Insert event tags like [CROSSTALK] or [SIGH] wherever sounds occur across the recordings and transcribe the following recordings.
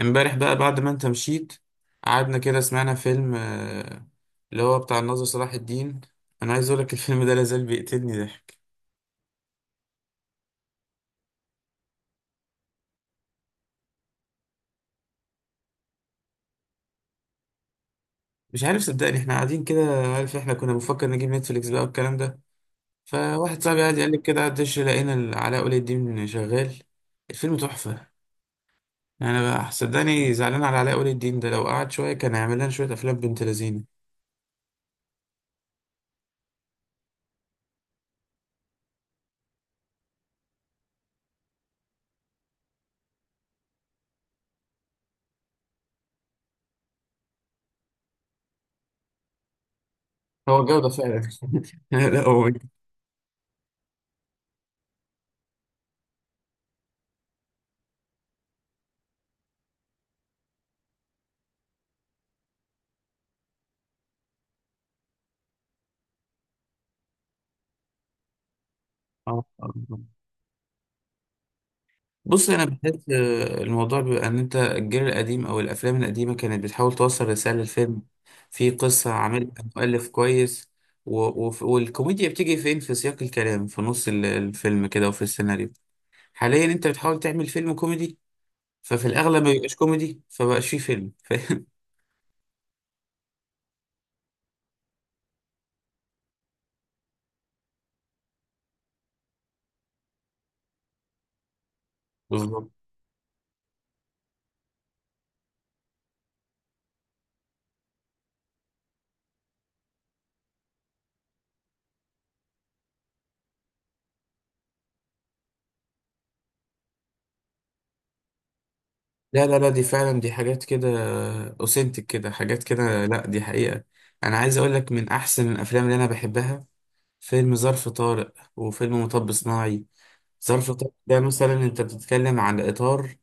امبارح بقى بعد ما انت مشيت، قعدنا كده سمعنا فيلم اللي هو بتاع الناظر صلاح الدين. انا عايز اقولك الفيلم ده لازال بيقتلني ضحك. مش عارف صدقني، احنا قاعدين كده. عارف، احنا كنا بنفكر نجيب نتفليكس بقى والكلام ده. فواحد صاحبي قاعد يقلب كده على الدش، لقينا علاء ولي الدين شغال. الفيلم تحفة. انا بقى صدقني زعلان على علاء ولي الدين ده، لو قعد شوية كان هيعمل لنا شوية افلام بنت لذينة. هو جودة فعلا. [LAUGHS] لا هو، اه. بص، انا بحس الموضوع بيبقى ان انت الجيل القديم او الافلام القديمه كانت بتحاول توصل رساله للفيلم. في قصه عاملها مؤلف كويس، و... والكوميديا بتيجي فين في سياق الكلام في نص الفيلم كده وفي السيناريو. حاليا انت بتحاول تعمل فيلم كوميدي، ففي الاغلب ما بيبقاش كوميدي فبقاش فيه فيلم. [LAUGHS] فاهم؟ بالظبط. لا، لا، لا، دي فعلا دي حاجات كده. اوثنتك كده حاجات كده، لا دي حقيقه. انا عايز اقول لك من احسن الافلام اللي انا بحبها، فيلم ظرف طارق وفيلم مطب صناعي. ظرف طارق ده مثلا انت بتتكلم عن اطار،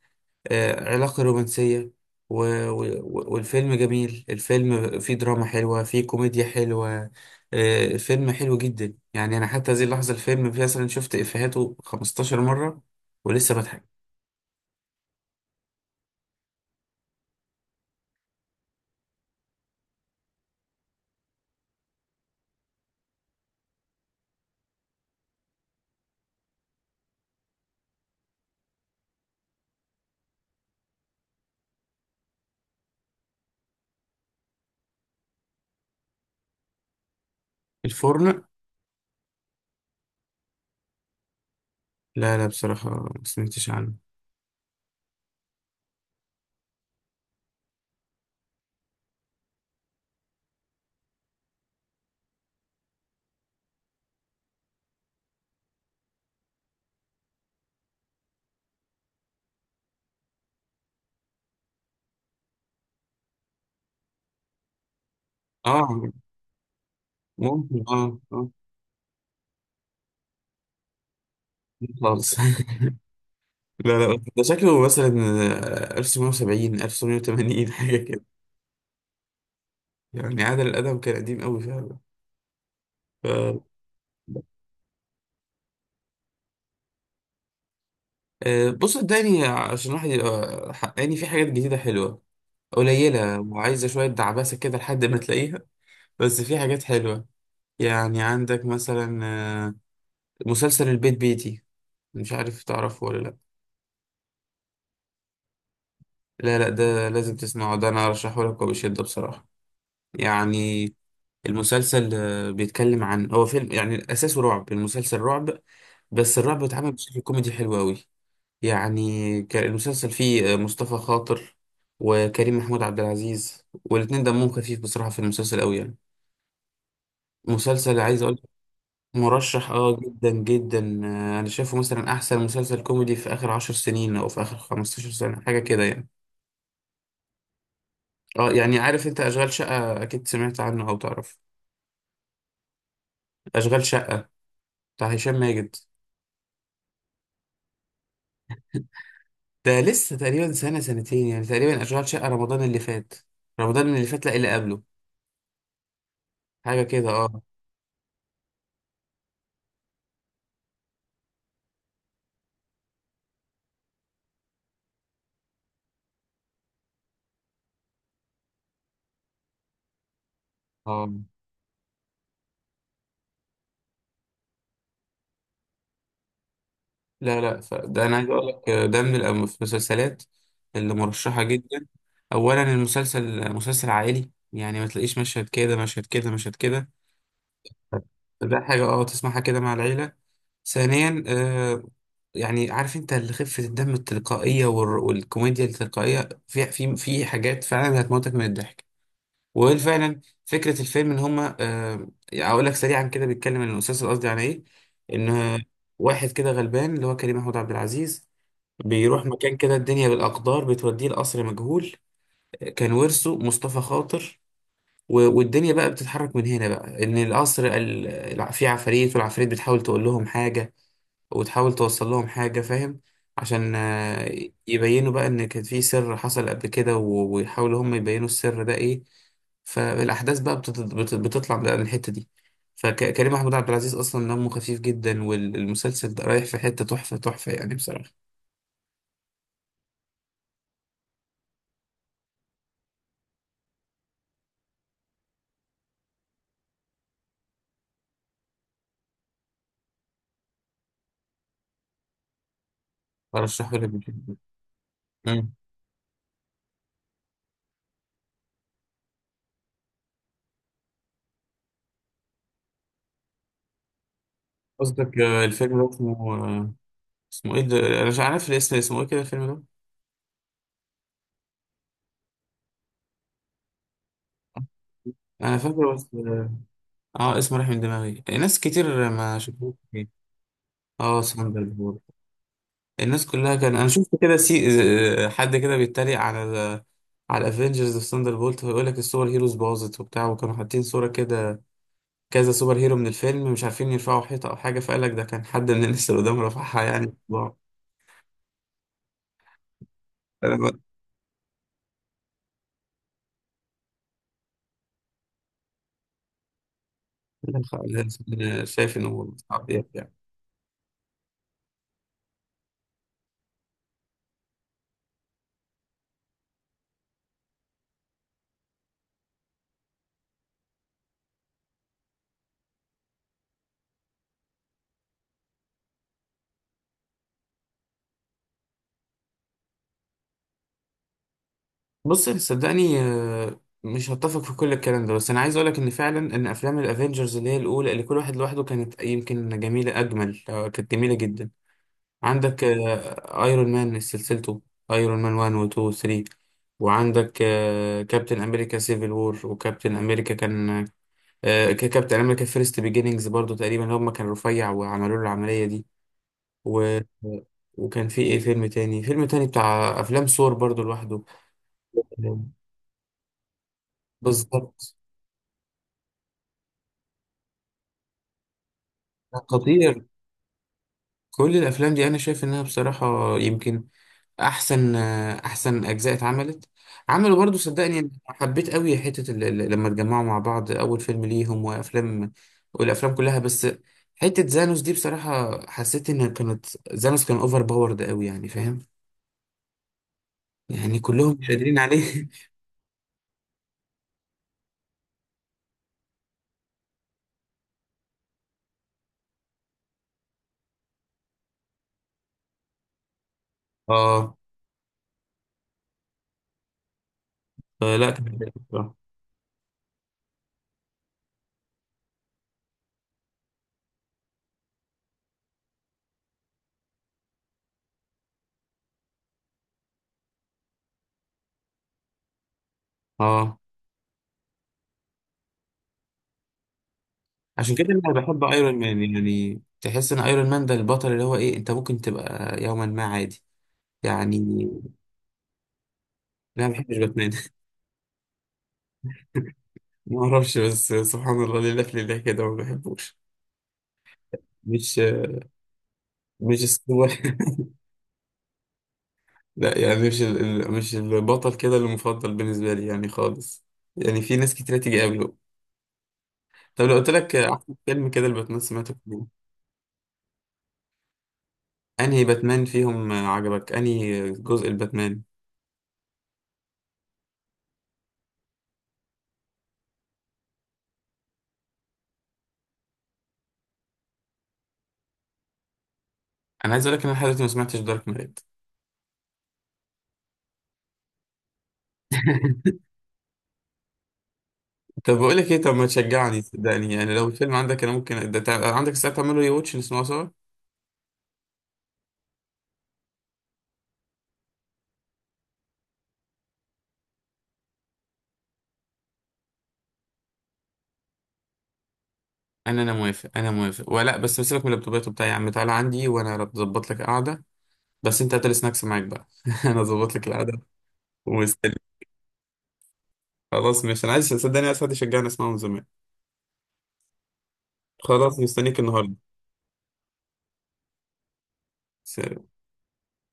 علاقة رومانسية. و... والفيلم جميل، الفيلم فيه دراما حلوة فيه كوميديا حلوة. الفيلم حلو جدا، يعني انا حتى هذه اللحظة الفيلم فيه مثلا شفت افيهاته 15 مرة ولسه بضحك. الفرن؟ لا، لا، بصراحة ما سمعتش عنه. اه، ممكن، اه اه، خالص. [LAUGHS] لا، لا، ده شكله مثلا 1970 1980 حاجة كده. يعني عادل الأدب كان قديم قوي فعلا. ف- بص صدقني عشان الواحد يبقى حقاني، في حاجات جديدة حلوة قليلة وعايزة شوية دعبسة كده لحد ما تلاقيها. بس في حاجات حلوة. يعني عندك مثلا مسلسل البيت بيتي، مش عارف تعرفه ولا لأ؟ لا، لا، ده لازم تسمعه، ده أنا أرشحه لك وبشدة بصراحة يعني. المسلسل بيتكلم عن هو فيلم يعني أساسه رعب، المسلسل رعب بس الرعب اتعمل بشكل كوميدي حلو أوي. يعني المسلسل فيه مصطفى خاطر وكريم محمود عبد العزيز، والاتنين دمهم خفيف بصراحة في المسلسل قوي يعني. مسلسل عايز اقول، مرشح اه جدا جدا، انا شايفه مثلا احسن مسلسل كوميدي في اخر 10 سنين او في اخر 15 سنة حاجة كده يعني. اه، يعني عارف انت اشغال شقة، اكيد سمعت عنه او تعرف؟ اشغال شقة بتاع هشام ماجد. ده لسه تقريبا سنة سنتين يعني، تقريبا اشغال شقة رمضان اللي فات، رمضان اللي فات، لا اللي قبله، حاجة كده اه اه. لا، لا، ده انا عايز اقول لك ده من في المسلسلات اللي مرشحه جدا. اولا المسلسل مسلسل عائلي، يعني ما تلاقيش مشهد كده مشهد كده مشهد كده. ده حاجه اه تسمعها كده مع العيله. ثانيا يعني عارف انت اللي خفه الدم التلقائيه والكوميديا التلقائيه في حاجات فعلا هتموتك من الضحك. وفعلا فكره الفيلم ان هما. اقول لك سريعا كده، بيتكلم عن المسلسل، قصدي عن ايه، ان واحد كده غلبان اللي هو كريم محمود عبد العزيز، بيروح مكان كده الدنيا بالأقدار بتوديه لقصر مجهول، كان ورثه مصطفى خاطر. والدنيا بقى بتتحرك من هنا بقى، إن القصر في عفاريت والعفاريت بتحاول تقول لهم حاجة، وتحاول توصل لهم حاجة. فاهم؟ عشان يبينوا بقى إن كان في سر حصل قبل كده، ويحاولوا هم يبينوا السر ده إيه. فالأحداث بقى بتطلع بقى من الحتة دي. فكريم محمود عبد العزيز أصلا دمه خفيف جدا، والمسلسل ده رايح في حتة تحفة تحفة يعني بصراحة. أرشحه لك بجد. قصدك الفيلم ده اسمه اسمه ايه ده، انا مش عارف الاسم، اسمه ايه كده الفيلم ده؟ انا فاكره بس اه. اسمه راح من دماغي، ناس كتير ما شافوه. اه، ساندر بول. الناس كلها كان انا شفت كده سي، حد كده بيتريق على على الافنجرز في ثاندر بولت، ويقول لك السوبر هيروز باظت وبتاع، وكانوا حاطين صوره كده، كذا سوبر هيرو من الفيلم مش عارفين يرفعوا حيطه او حاجه، فقال لك ده كان حد من الناس اللي قدام رفعها يعني. [LAUGHS] انا بقى- أنا شايف انه صعب يعني. بص صدقني، مش هتفق في كل الكلام ده، بس انا عايز اقولك ان فعلا ان افلام الافينجرز اللي هي الاولى اللي كل واحد لوحده كانت يمكن جميله، اجمل، كانت جميله جدا. عندك ايرون مان، سلسلته ايرون مان 1 و 2 و 3، وعندك كابتن امريكا سيفل وور، وكابتن امريكا كان كابتن امريكا فيرست بيجينينجز برضو، تقريبا هم كان رفيع وعملوا له العمليه دي. و... وكان في ايه، فيلم تاني، فيلم تاني بتاع افلام سور برضو لوحده. آه، بالظبط. خطير. كل الافلام دي انا شايف انها بصراحه يمكن احسن، احسن اجزاء اتعملت. عملوا برضو صدقني، أنا حبيت قوي حته لما اتجمعوا مع بعض اول فيلم ليهم وافلام، والافلام كلها، بس حته زانوس دي بصراحه حسيت ان كانت، زانوس كان اوفر باورد قوي يعني فاهم؟ يعني كلهم مش قادرين عليه. [LAUGHS] اه، فلا كان جامد بصراحة. اه، عشان كده انا بحب ايرون مان، يعني تحس ان ايرون مان ده البطل اللي هو ايه، انت ممكن تبقى يوما ما عادي يعني. لا، ما بحبش باتمان. [LAUGHS] ما اعرفش، بس سبحان الله، لله في لله كده ما بحبوش. مش مش السوبر. [LAUGHS] لا، يعني مش مش البطل كده المفضل بالنسبه لي يعني خالص. يعني في ناس كتير تيجي قبله. طب لو قلت لك احسن فيلم كده الباتمان سمعته فيه؟ انهي باتمان فيهم عجبك؟ انهي جزء الباتمان؟ انا عايز اقول لك ان انا لحد دلوقتي ما سمعتش دارك نايت. [LAUGHS] طب بقول لك ايه، طب ما تشجعني صدقني يعني، لو الفيلم عندك انا ممكن ده عندك الساعه تعمله ري واتش نسمعه سوا. انا موافق، انا موافق، ولا بس سيبك من اللابتوبات وبتاع، يا عم تعالى عندي وانا بظبط لك قعده. بس انت هات السناكس معاك بقى. [LAUGHS] انا اظبط لك القعده ومستني. خلاص، مش انا عايز، صدقني عايز حد يشجعني اسمعه من زمان. خلاص، مستنيك النهارده.